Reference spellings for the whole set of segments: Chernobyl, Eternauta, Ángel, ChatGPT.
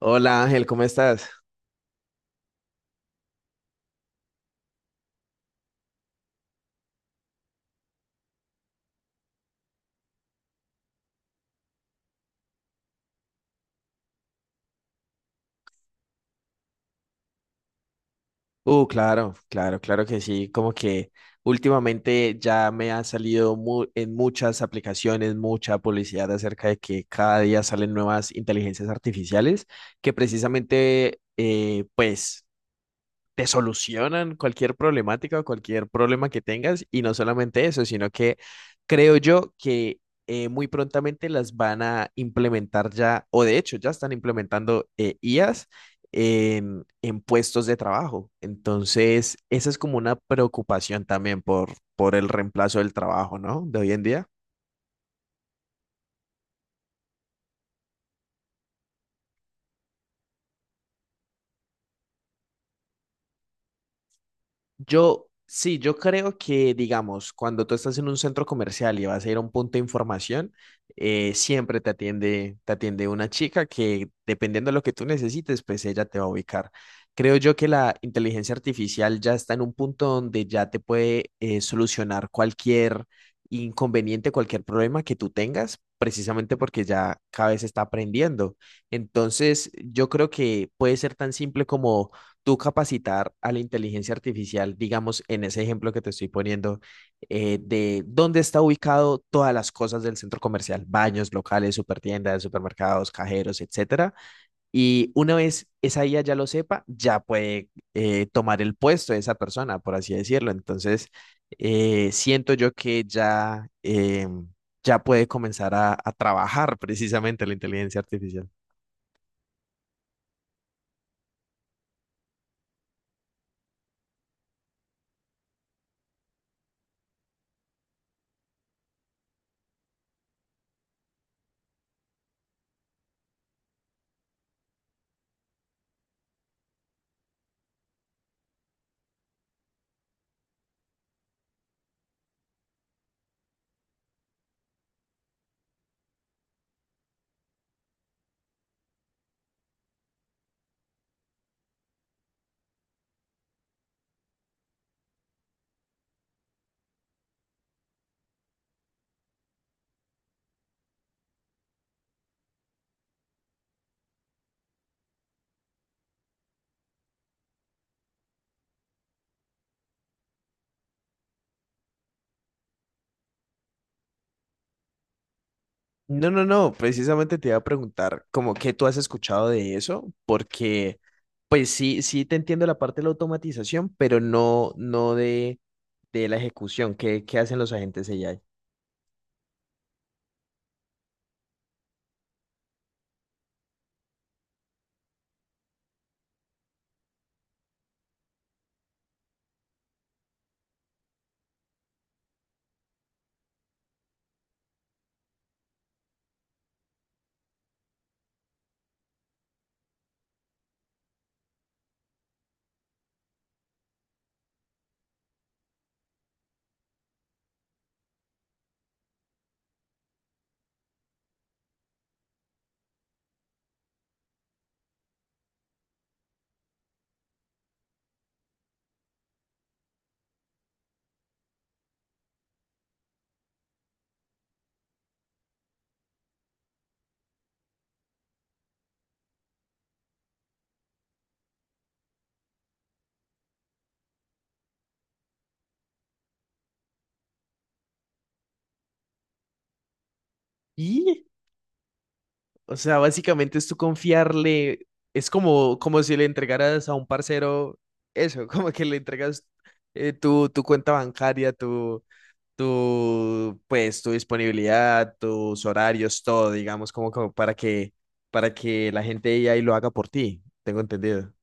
Hola Ángel, ¿cómo estás? Claro, claro, claro que sí. Como que últimamente ya me ha salido en muchas aplicaciones mucha publicidad acerca de que cada día salen nuevas inteligencias artificiales que precisamente, pues, te solucionan cualquier problemática o cualquier problema que tengas. Y no solamente eso, sino que creo yo que muy prontamente las van a implementar ya, o de hecho ya están implementando IAs en puestos de trabajo. Entonces, esa es como una preocupación también por el reemplazo del trabajo, ¿no? De hoy en día. Yo creo que, digamos, cuando tú estás en un centro comercial y vas a ir a un punto de información, siempre te atiende una chica que, dependiendo de lo que tú necesites, pues ella te va a ubicar. Creo yo que la inteligencia artificial ya está en un punto donde ya te puede solucionar cualquier inconveniente, cualquier problema que tú tengas, precisamente porque ya cada vez está aprendiendo. Entonces, yo creo que puede ser tan simple como tú capacitar a la inteligencia artificial, digamos, en ese ejemplo que te estoy poniendo, de dónde está ubicado todas las cosas del centro comercial, baños, locales, supertiendas, supermercados, cajeros, etcétera. Y una vez esa IA ya lo sepa, ya puede tomar el puesto de esa persona, por así decirlo. Entonces, siento yo que ya, ya puede comenzar a trabajar precisamente la inteligencia artificial. No, no, no, precisamente te iba a preguntar como qué tú has escuchado de eso, porque pues sí, sí te entiendo la parte de la automatización, pero no, no de la ejecución, ¿qué, qué hacen los agentes AI? Y, o sea, básicamente es tú confiarle, es como, como si le entregaras a un parcero eso, como que le entregas tu cuenta bancaria, tu, pues, tu disponibilidad, tus horarios, todo, digamos, como, como para que la gente ya y lo haga por ti, tengo entendido.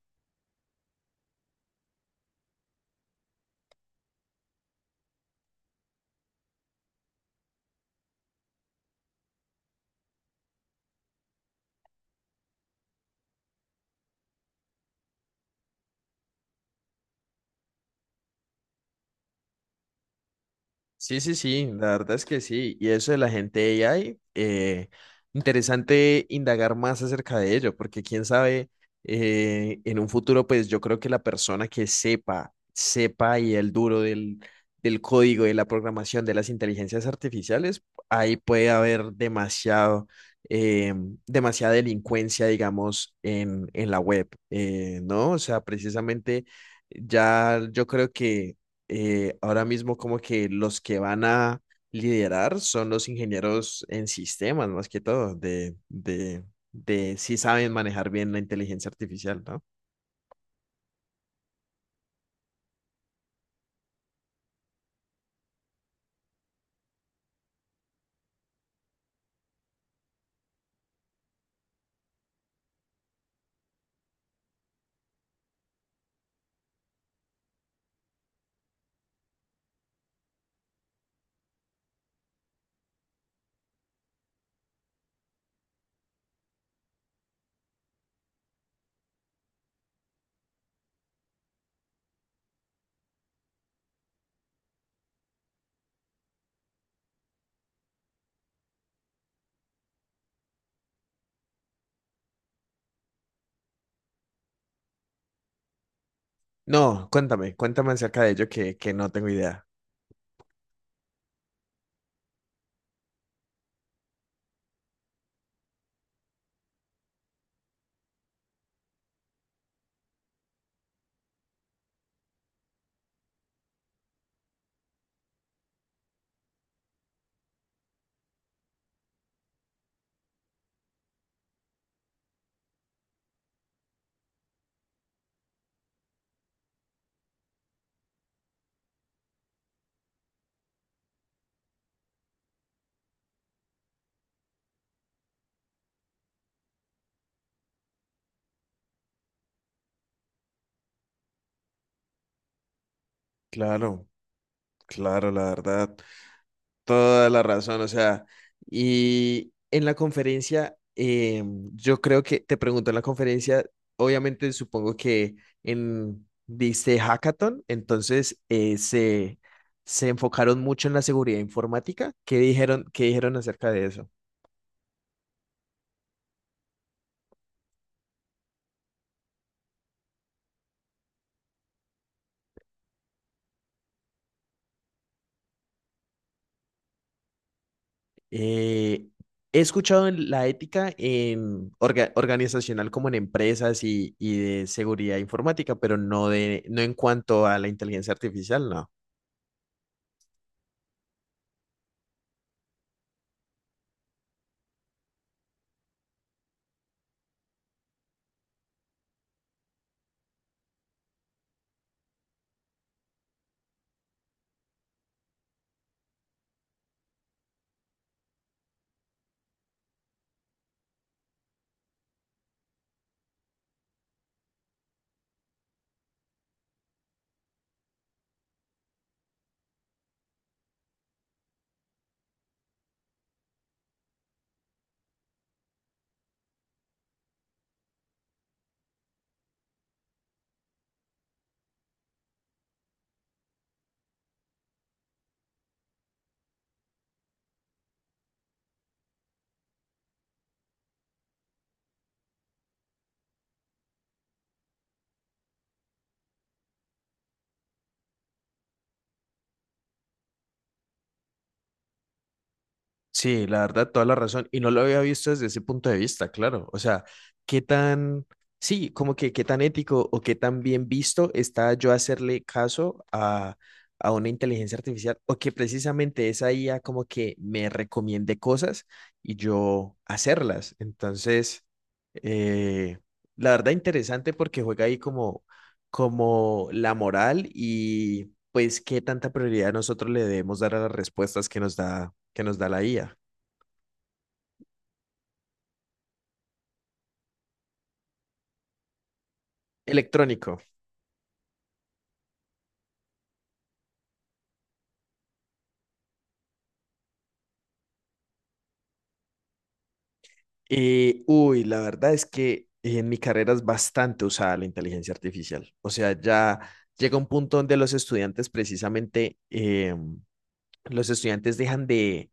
Sí, sí, sí, la verdad es que sí. Y eso de la gente AI, interesante indagar más acerca de ello, porque quién sabe, en un futuro, pues yo creo que la persona que sepa, sepa y el duro del código, de la programación, de las inteligencias artificiales, ahí puede haber demasiado, eh, demasiada delincuencia, digamos, en la web, ¿no? O sea, precisamente ya yo creo que ahora mismo como que los que van a liderar son los ingenieros en sistemas, más que todo, de si saben manejar bien la inteligencia artificial, ¿no? No, cuéntame, cuéntame acerca de ello que no tengo idea. Claro, claro, la verdad. Toda la razón, o sea, y en la conferencia, yo creo que te pregunto en la conferencia, obviamente supongo que en, dice hackathon, entonces se enfocaron mucho en la seguridad informática. Qué dijeron acerca de eso? Eh, he escuchado en la ética en organizacional como en empresas y de seguridad informática, pero no, de, no en cuanto a la inteligencia artificial, no. Sí, la verdad, toda la razón. Y no lo había visto desde ese punto de vista, claro. O sea, qué tan, sí, como que qué tan ético o qué tan bien visto está yo hacerle caso a una inteligencia artificial o que precisamente esa IA como que me recomiende cosas y yo hacerlas. Entonces, eh, la verdad, interesante porque juega ahí como, como la moral pues qué tanta prioridad nosotros le debemos dar a las respuestas que nos da la IA. Electrónico. Y, uy, la verdad es que en mi carrera es bastante usada la inteligencia artificial. O sea, ya llega un punto donde los estudiantes precisamente... em, los estudiantes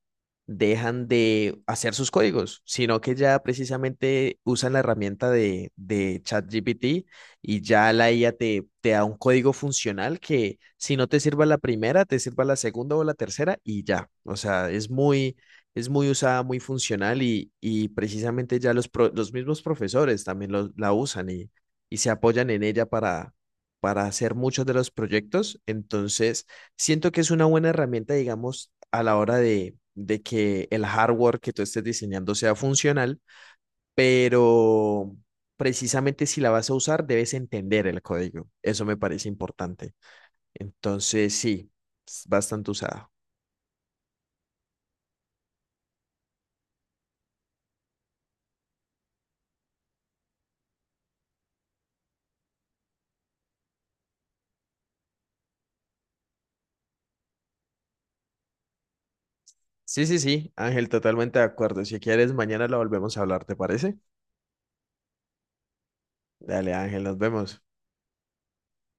dejan de hacer sus códigos, sino que ya precisamente usan la herramienta de ChatGPT y ya la IA te da un código funcional que si no te sirva la primera, te sirva la segunda o la tercera y ya. O sea, es muy usada, muy funcional y precisamente ya los mismos profesores también la usan y se apoyan en ella para hacer muchos de los proyectos. Entonces... Siento que es una buena herramienta, digamos, a la hora de que el hardware que tú estés diseñando sea funcional, pero precisamente si la vas a usar, debes entender el código. Eso me parece importante. Entonces, sí, es bastante usada. Sí, sí, sí, Ángel, totalmente de acuerdo. Si quieres, mañana la volvemos a hablar, ¿te parece? Dale, Ángel, nos vemos.